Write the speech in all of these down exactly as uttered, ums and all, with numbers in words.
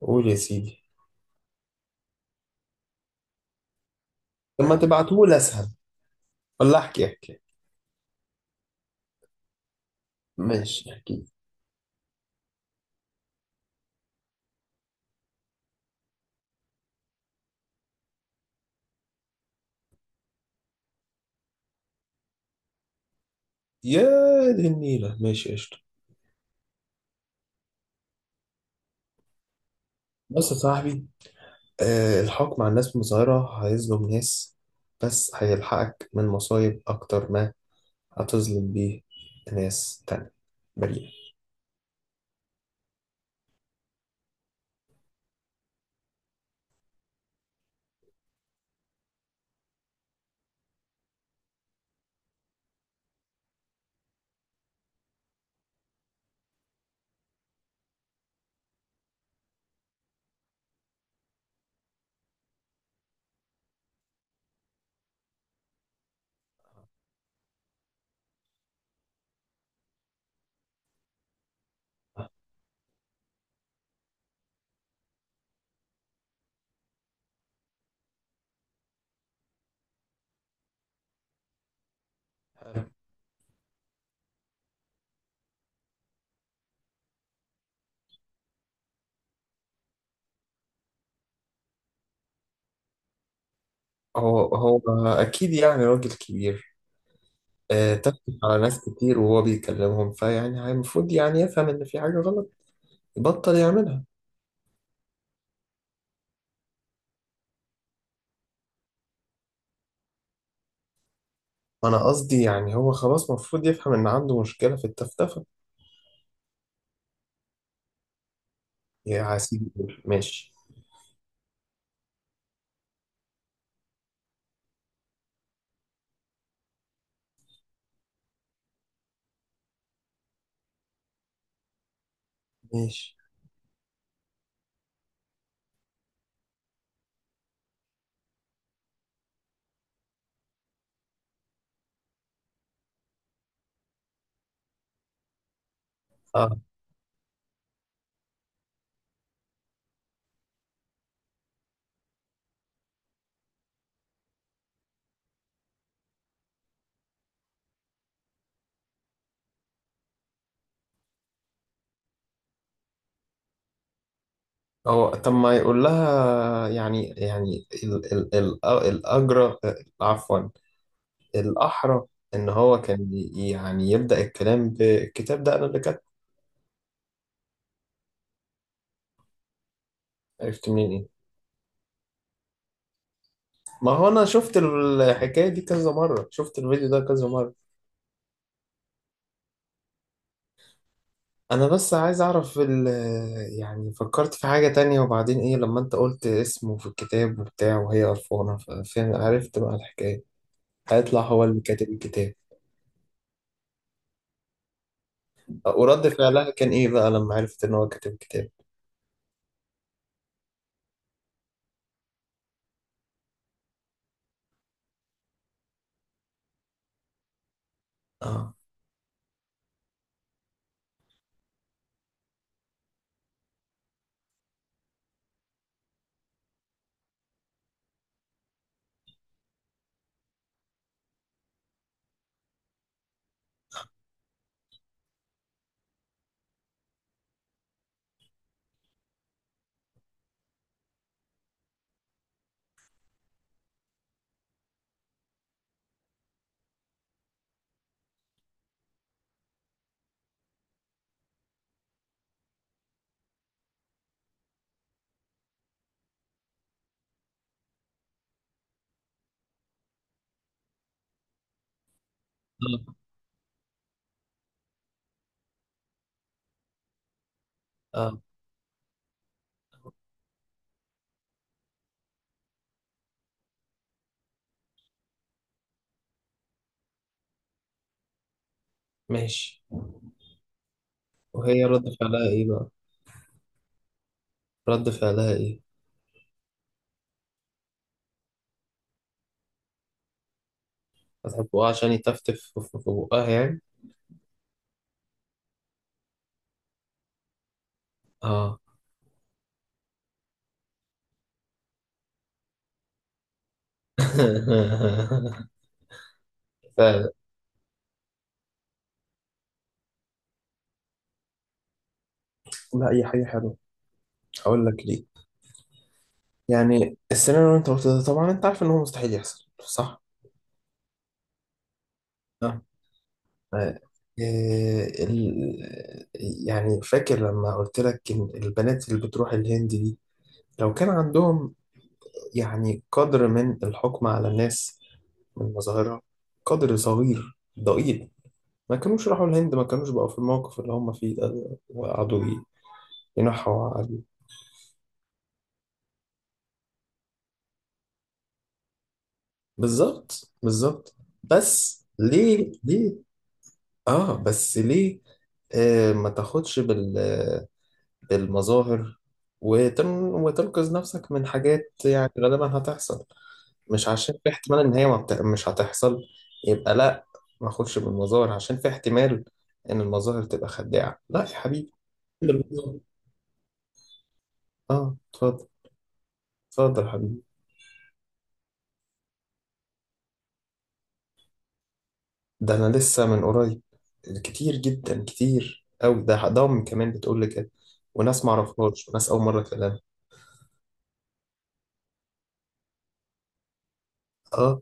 قول يا سيدي. لما تبعتهولي اسهل، ولا احكي احكي. ماشي احكي. يا دي النيلة، ماشي قشطة. بص يا صاحبي، آه الحكم على الناس من صغيرة هيظلم ناس، بس هيلحقك من مصايب أكتر ما هتظلم بيه ناس تانية بريئة. حلو. هو هو أكيد يعني راجل كبير. آه تفتح على ناس كتير وهو بيكلمهم، فيعني هي المفروض يعني يفهم إن في حاجة غلط، يبطل يعملها. وأنا قصدي يعني هو خلاص المفروض يفهم إن عنده مشكلة في التفتفة. يا سيدي ماشي. ماشي. اه. هو طب ما يقول لها، يعني يعني ال ال ال الأجرى عفوا الأحرى، إن هو كان ي- يعني يبدأ الكلام بالكتاب ده أنا اللي كاتبه. عرفت منين إيه؟ ما هو أنا شفت الحكاية دي كذا مرة، شفت الفيديو ده كذا مرة. أنا بس عايز أعرف ال يعني فكرت في حاجة تانية، وبعدين إيه لما أنت قلت اسمه في الكتاب وبتاع وهي قرفانة ف- فعرفت بقى الحكاية. هيطلع هو اللي كاتب الكتاب. ورد فعلها كان ايه بقى لما عرفت ان هو كاتب كتاب؟ اه. اه. اه. ماشي. وهي رد فعلها ايه بقى؟ رد فعلها ايه؟ فتح بقها عشان يتفتف في في- في بقها يعني؟ اه. فعلا. لا هي حاجة حلوة، هقول لك ليه. يعني السيناريو اللي انت قلته ده طبعا انت عارف ان هو مستحيل يحصل، صح؟ اه. آه. إيه ال... يعني فاكر لما قلت لك إن البنات اللي بتروح الهند دي، لو كان عندهم يعني قدر من الحكم على الناس من مظاهرها، قدر صغير ضئيل، ما كانوش راحوا الهند، ما كانوش بقوا في الموقف اللي هم فيه ده وقعدوا ي- ينحوا عليه. بالظبط بالظبط. بس ليه ليه؟ اه بس ليه. آه ما تاخدش بال بالمظاهر، وتن... وتنقذ نفسك من حاجات يعني غالبا هتحصل. مش عشان في احتمال ان هي ما بت... مش هتحصل، يبقى لا ما اخدش بالمظاهر. عشان في احتمال ان المظاهر تبقى خداعة، لا يا حبيبي. بالمظاهر. اه اتفضل. اتفضل يا حبيبي. ده انا لسه من قريب كتير جدا، كتير قوي ده ضم كمان بتقول لي كده، وناس ما اعرفهاش وناس اول مره اكلمها. اه.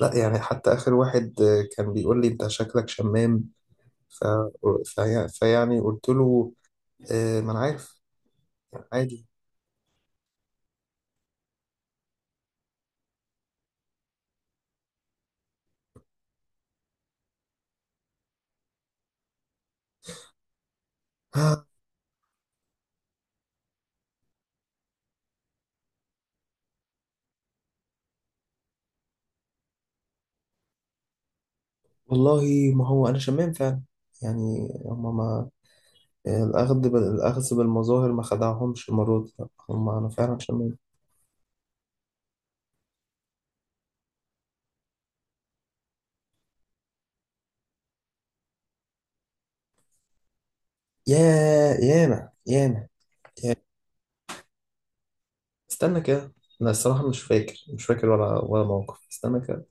لا يعني حتى اخر واحد آه، كان بيقول لي انت شكلك شمام، ف... في... فيعني قلت له آه ما انا عارف، يعني عادي. والله ما هو انا شمام فعلا. يعني هما ما الاخذ بال... الاخذ بالمظاهر ما خدعهمش المره دي، لأ، هما انا فعلا شمام. يا يانا يانا. يانا. استنى كده. انا الصراحه مش فاكر مش فاكر ولا ولا موقف، استنى كده.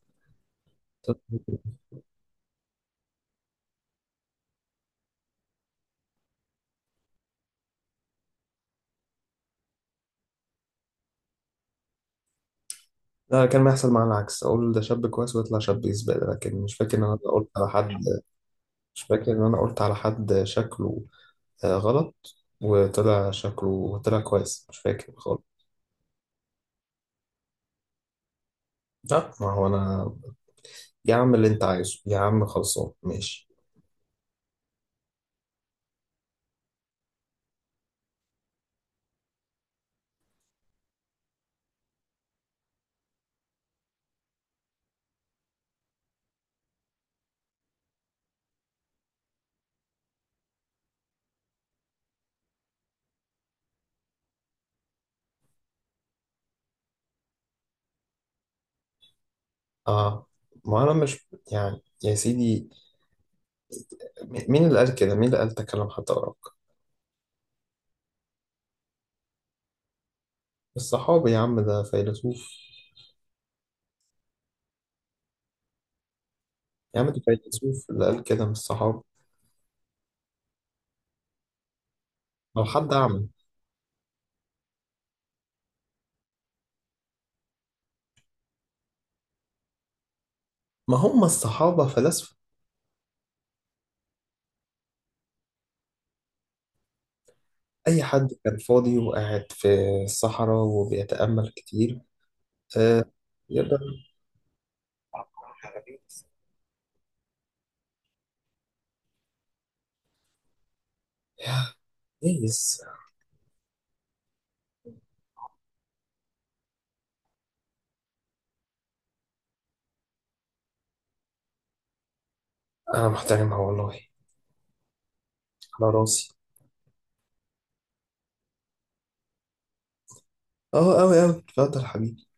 لا كان بيحصل معايا العكس، اقول ده شاب كويس ويطلع شاب زباله، لكن مش فاكر ان انا قلت على حد. مش فاكر ان انا قلت على حد شكله آه، غلط وطلع شكله طلع كويس، مش فاكر خالص. لا ما هو انا، يا عم اللي انت عايزه يا عم خلصان ماشي. اه ما انا مش يعني يا سيدي، م- مين اللي قال كده؟ مين اللي قال تكلم حتى أراك؟ الصحابي يا عم ده فيلسوف. يا عم ده فيلسوف اللي قال كده من الصحابة؟ لو حد أعمى. ما هم الصحابة فلاسفة، أي حد كان فاضي وقاعد في الصحراء وبيتأمل كتير. آه يقدر. يا. كويس. أنا محترمها والله. على راسي. أه أوي أوي اتفضل حبيبي.